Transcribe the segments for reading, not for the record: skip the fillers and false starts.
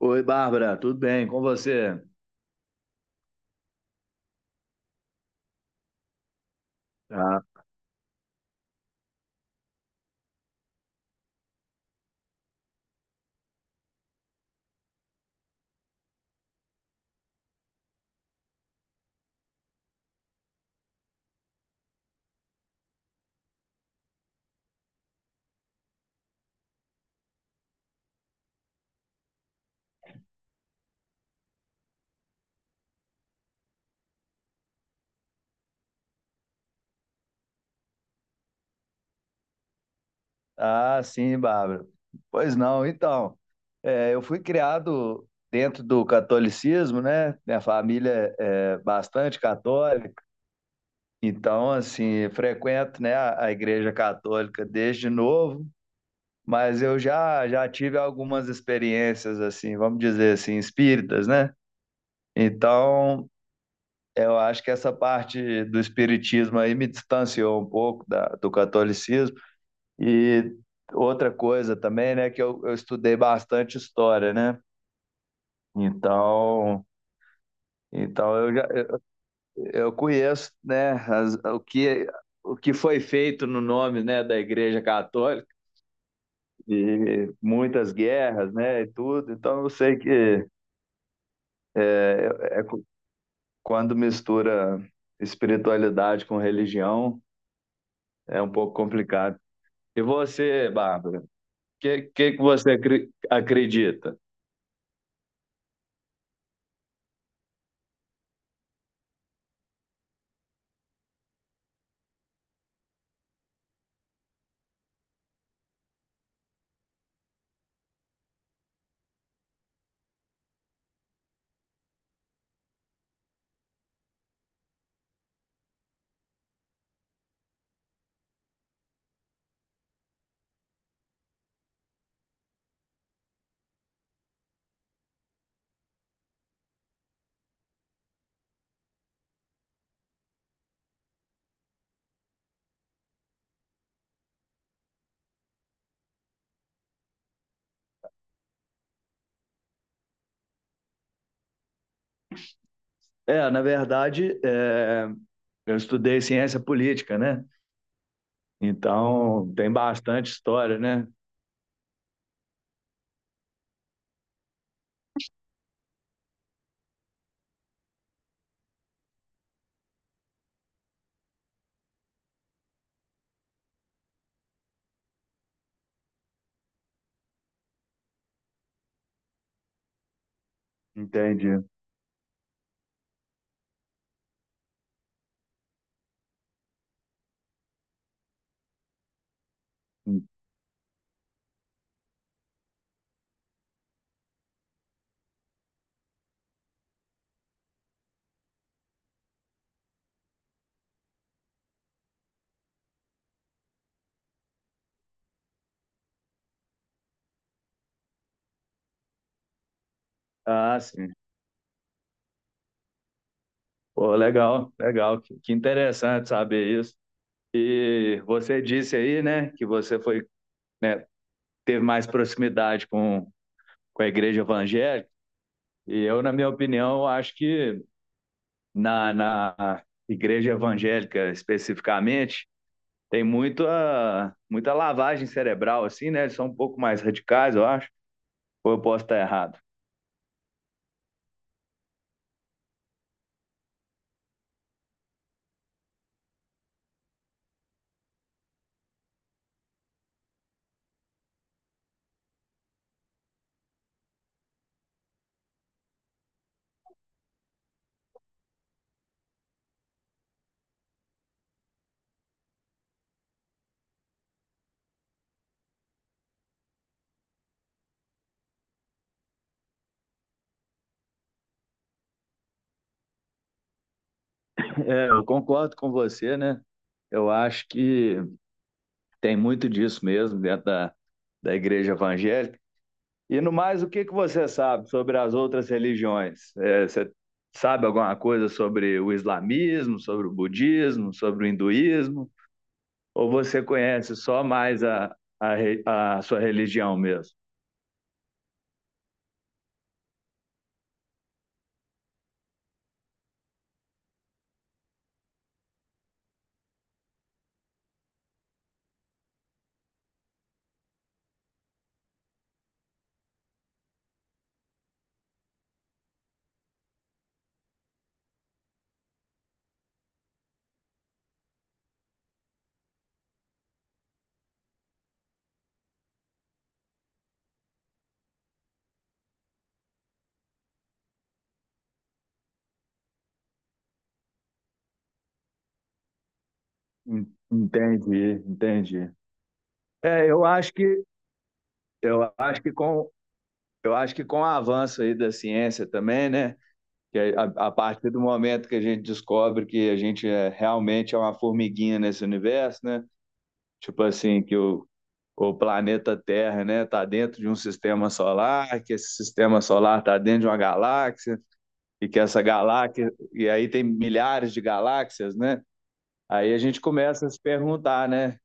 Oi, Bárbara, tudo bem? Com você? Ah, sim, Bárbara. Pois não, então, eu fui criado dentro do catolicismo, né? Minha família é bastante católica, então, assim, frequento, né, a igreja católica desde novo, mas eu já tive algumas experiências, assim, vamos dizer assim, espíritas, né? Então, eu acho que essa parte do espiritismo aí me distanciou um pouco da, do catolicismo, e outra coisa também, né, que eu estudei bastante história, né? Então, então eu já eu conheço, né, o que foi feito no nome, né, da Igreja Católica e muitas guerras, né, e tudo. Então eu sei que é, é quando mistura espiritualidade com religião é um pouco complicado. E você, Bárbara, que você acredita? Na verdade, eu estudei ciência política, né? Então, tem bastante história, né? Entendi. Ah, sim. Pô, legal, legal. Que interessante saber isso. E você disse aí, né, que você foi, né, teve mais proximidade com a igreja evangélica. E eu, na minha opinião, eu acho que na, na igreja evangélica especificamente, tem muita, muita lavagem cerebral, assim, né? Eles são um pouco mais radicais, eu acho. Ou eu posso estar errado? É, eu concordo com você, né? Eu acho que tem muito disso mesmo dentro da, da igreja evangélica. E no mais, o que que você sabe sobre as outras religiões? É, você sabe alguma coisa sobre o islamismo, sobre o budismo, sobre o hinduísmo? Ou você conhece só mais a, a sua religião mesmo? En- Entendi, entendi. É, eu acho que com eu acho que com o avanço aí da ciência também, né? Que é a partir do momento que a gente descobre que a gente é, realmente é uma formiguinha nesse universo, né? Tipo assim, que o planeta Terra, né, está dentro de um sistema solar, que esse sistema solar está dentro de uma galáxia e que essa galáxia e aí tem milhares de galáxias, né? Aí a gente começa a se perguntar, né?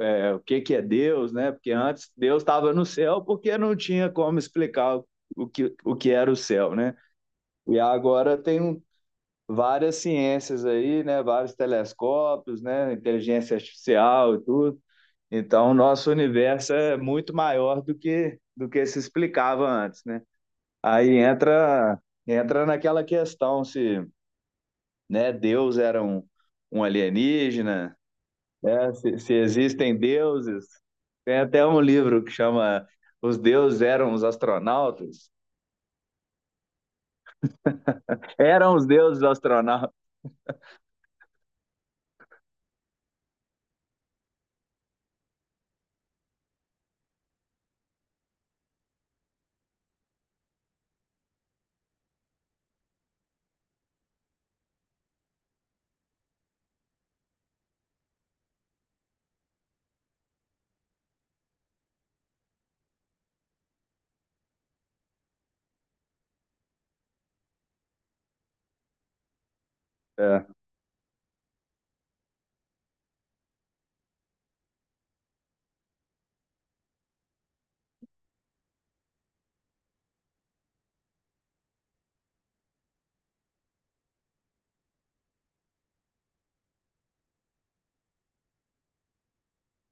É, o que que é Deus, né? Porque antes Deus estava no céu porque não tinha como explicar o que era o céu, né? E agora tem um, várias ciências aí, né? Vários telescópios, né? Inteligência artificial e tudo. Então, o nosso universo é muito maior do que se explicava antes, né? Aí entra naquela questão se, né, Deus era um, um alienígena, né? Se existem deuses. Tem até um livro que chama Os Deuses Eram os Astronautas. Eram os Deuses Astronautas. É.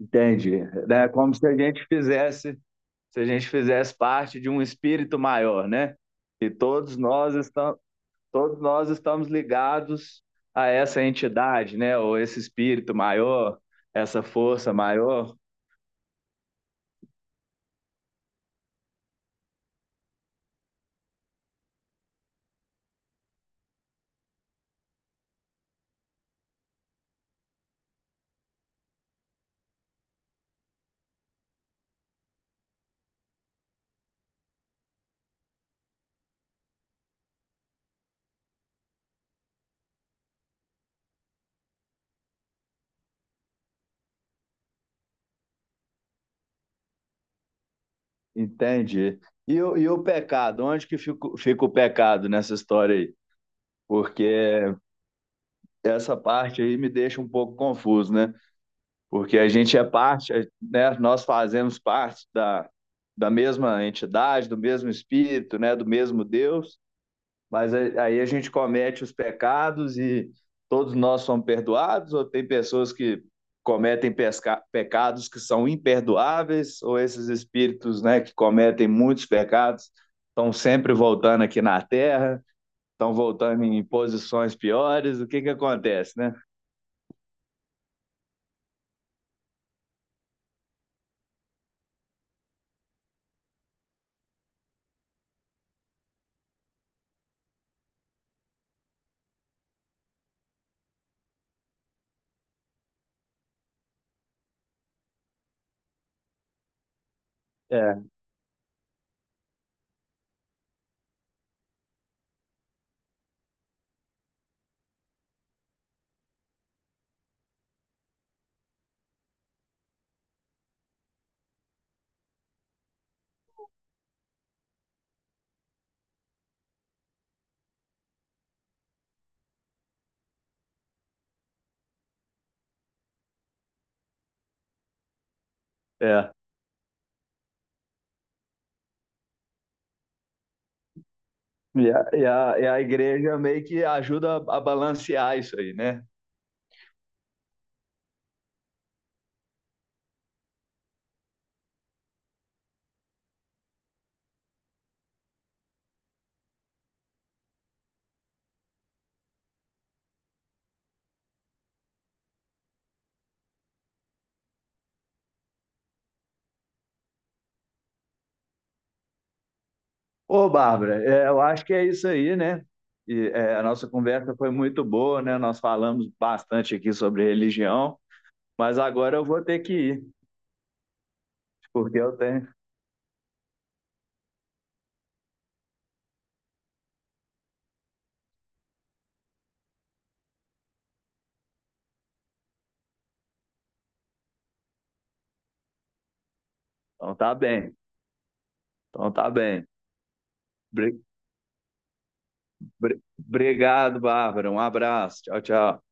Entende? É como se se a gente fizesse parte de um espírito maior, né? E todos nós estamos ligados a essa entidade, né? Ou esse espírito maior, essa força maior, entende? E o pecado, onde que fica, fica o pecado nessa história aí? Porque essa parte aí me deixa um pouco confuso, né? Porque a gente é parte, né? Nós fazemos parte da, da mesma entidade, do mesmo espírito, né? Do mesmo Deus, mas aí a gente comete os pecados e todos nós somos perdoados, ou tem pessoas que cometem pecados que são imperdoáveis, ou esses espíritos, né? Que cometem muitos pecados estão sempre voltando aqui na Terra, estão voltando em posições piores. O que que acontece, né? É, é. E a, e a igreja meio que ajuda a balancear isso aí, né? Ô, Bárbara, é, eu acho que é isso aí, né? E, é, a nossa conversa foi muito boa, né? Nós falamos bastante aqui sobre religião, mas agora eu vou ter que ir, porque eu tenho. Então tá bem, então tá bem. Bri- Obrigado, Bárbara. Um abraço. Tchau, tchau.